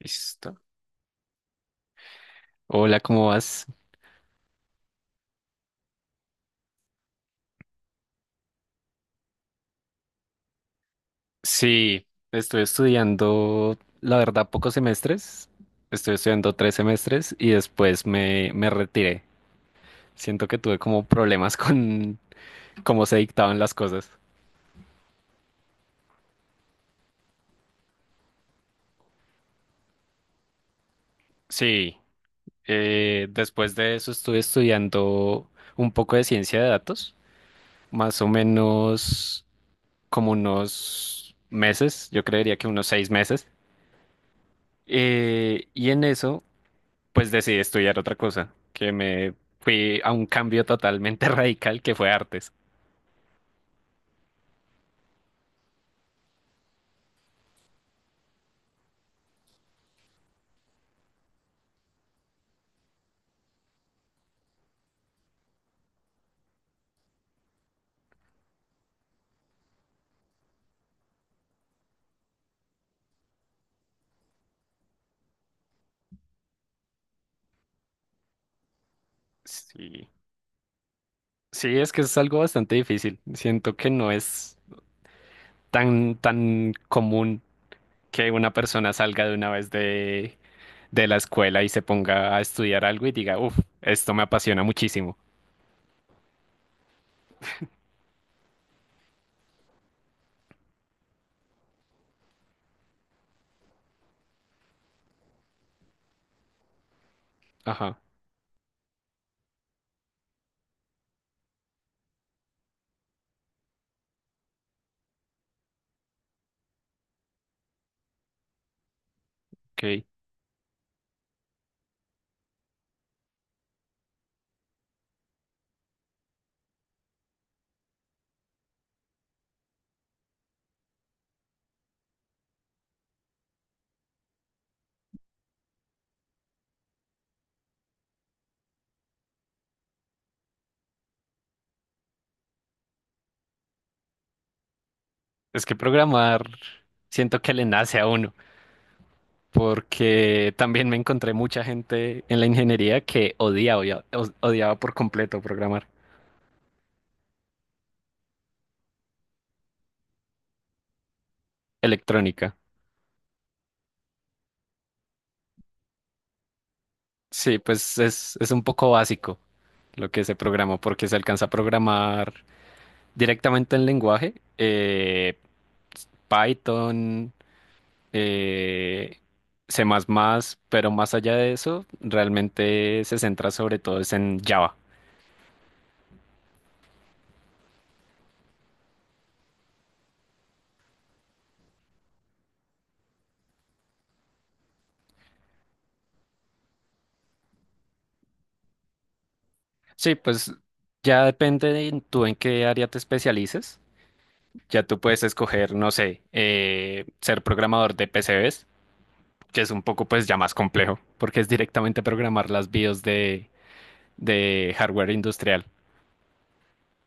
Listo. Hola, ¿cómo vas? Sí, estoy estudiando, la verdad, pocos semestres. Estoy estudiando tres semestres y después me retiré. Siento que tuve como problemas con cómo se dictaban las cosas. Sí, después de eso estuve estudiando un poco de ciencia de datos, más o menos como unos meses, yo creería que unos 6 meses. Y en eso... pues decidí estudiar otra cosa, que me fui a un cambio totalmente radical que fue artes. Sí, sí, es que es algo bastante difícil. Siento que no es tan, tan común que una persona salga de una vez de la escuela y se ponga a estudiar algo y diga, uff, esto me apasiona muchísimo. Ajá, ok. Es que programar siento que le nace a uno, porque también me encontré mucha gente en la ingeniería que odiaba por completo programar. Electrónica. Sí, pues es un poco básico lo que se programó, porque se alcanza a programar directamente en lenguaje, Python, eh, C++, pero más allá de eso, realmente se centra sobre todo es en Java. Sí, pues ya depende de tú en qué área te especialices. Ya tú puedes escoger, no sé, ser programador de PCBs, que es un poco pues ya más complejo, porque es directamente programar las BIOS de hardware industrial,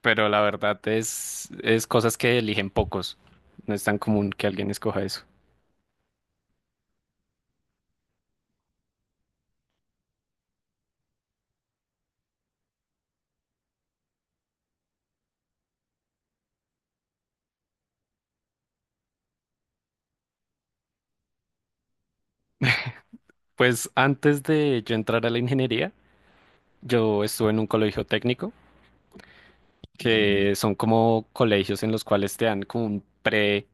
pero la verdad es cosas que eligen pocos. No es tan común que alguien escoja eso. Pues antes de yo entrar a la ingeniería, yo estuve en un colegio técnico, que son como colegios en los cuales te dan como un pre,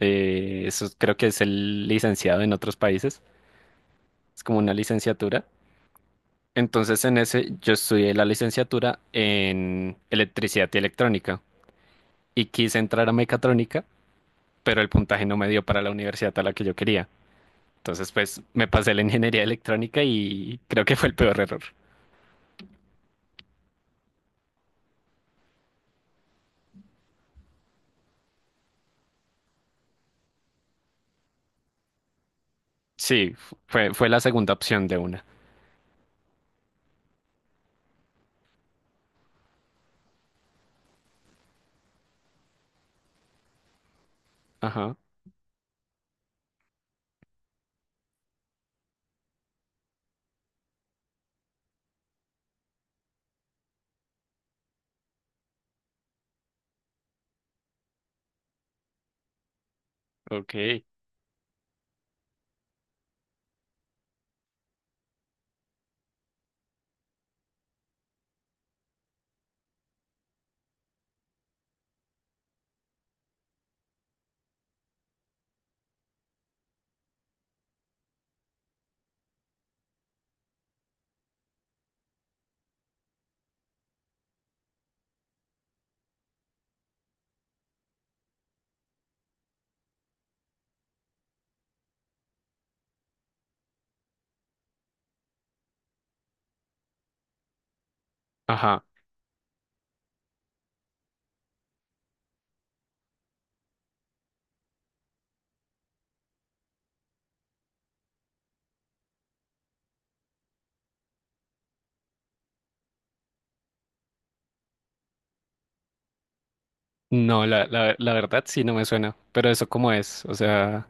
eso creo que es el licenciado en otros países, es como una licenciatura. Entonces en ese yo estudié la licenciatura en electricidad y electrónica y quise entrar a mecatrónica pero el puntaje no me dio para la universidad a la que yo quería. Entonces, pues me pasé la ingeniería electrónica y creo que fue el peor error. Sí, fue, fue la segunda opción de una. Ajá, ok. Ajá. No, la verdad sí no me suena, pero eso cómo es, o sea,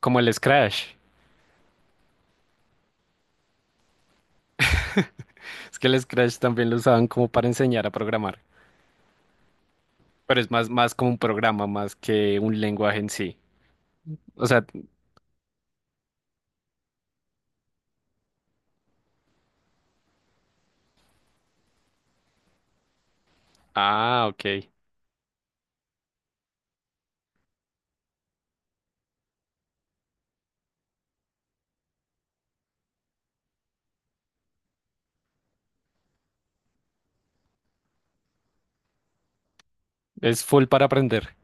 como el Scratch. Es que el Scratch también lo usaban como para enseñar a programar, pero es más, más como un programa, más que un lenguaje en sí. O sea, ah, ok. Es full para aprender.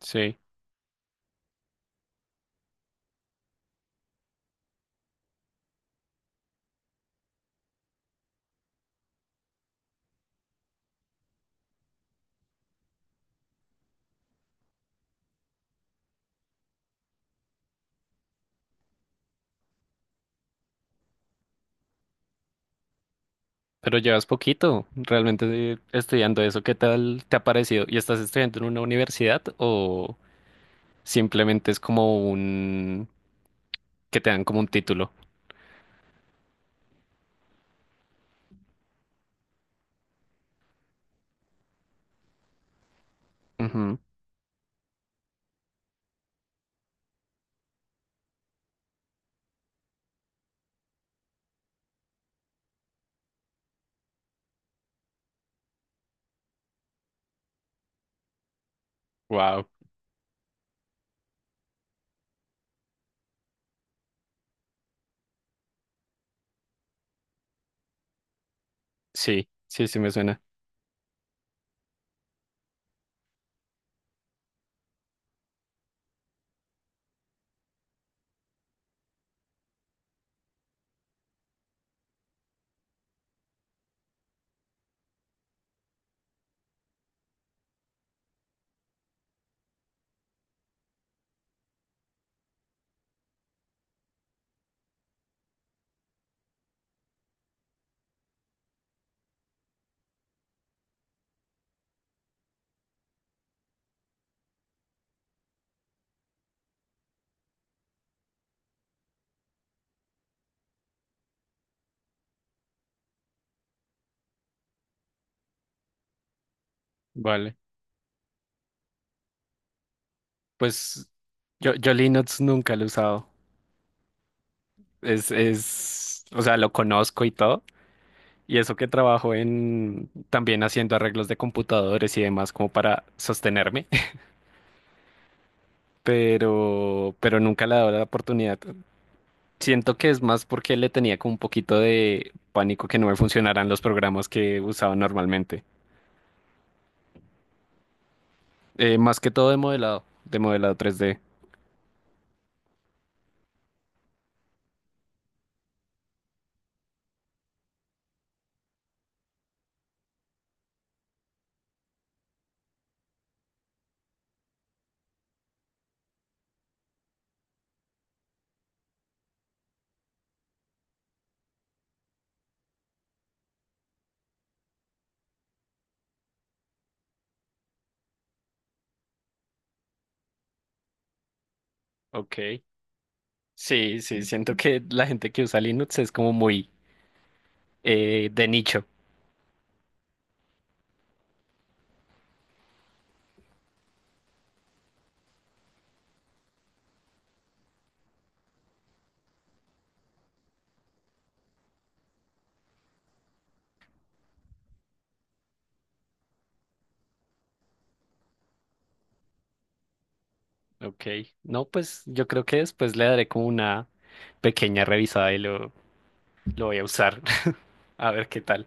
Sí. Pero llevas poquito realmente estudiando eso. ¿Qué tal te ha parecido? ¿Y estás estudiando en una universidad o simplemente es como un que te dan como un título? Wow. Sí, sí, sí me suena. Vale. Pues yo Linux nunca lo he usado. O sea, lo conozco y todo. Y eso que trabajo en también haciendo arreglos de computadores y demás como para sostenerme. Pero nunca le he dado la oportunidad. Siento que es más porque le tenía como un poquito de pánico que no me funcionaran los programas que usaba normalmente. Más que todo de modelado 3D. Ok. Sí, sí, siento que la gente que usa Linux es como muy de nicho. Ok. No, pues yo creo que después le daré como una pequeña revisada y lo voy a usar. A ver qué tal.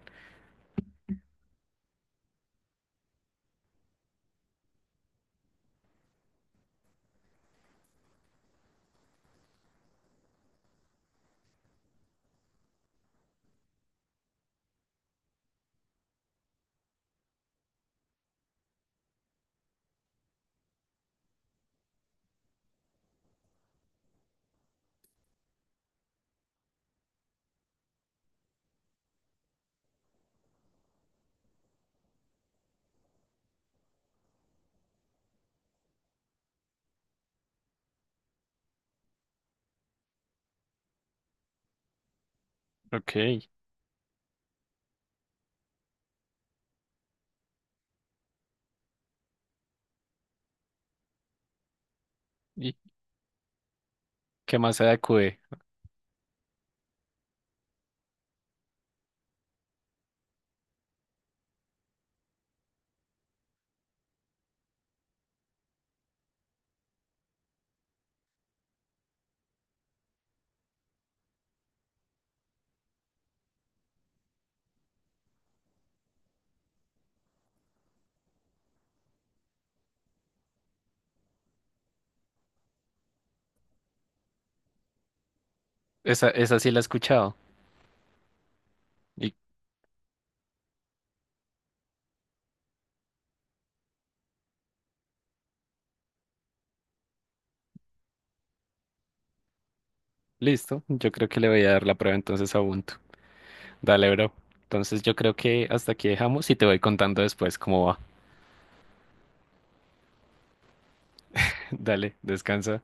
Ok. ¿Y qué más se acude? Esa sí la he escuchado. Y listo. Yo creo que le voy a dar la prueba entonces a Ubuntu. Dale, bro. Entonces yo creo que hasta aquí dejamos y te voy contando después cómo va. Dale, descansa.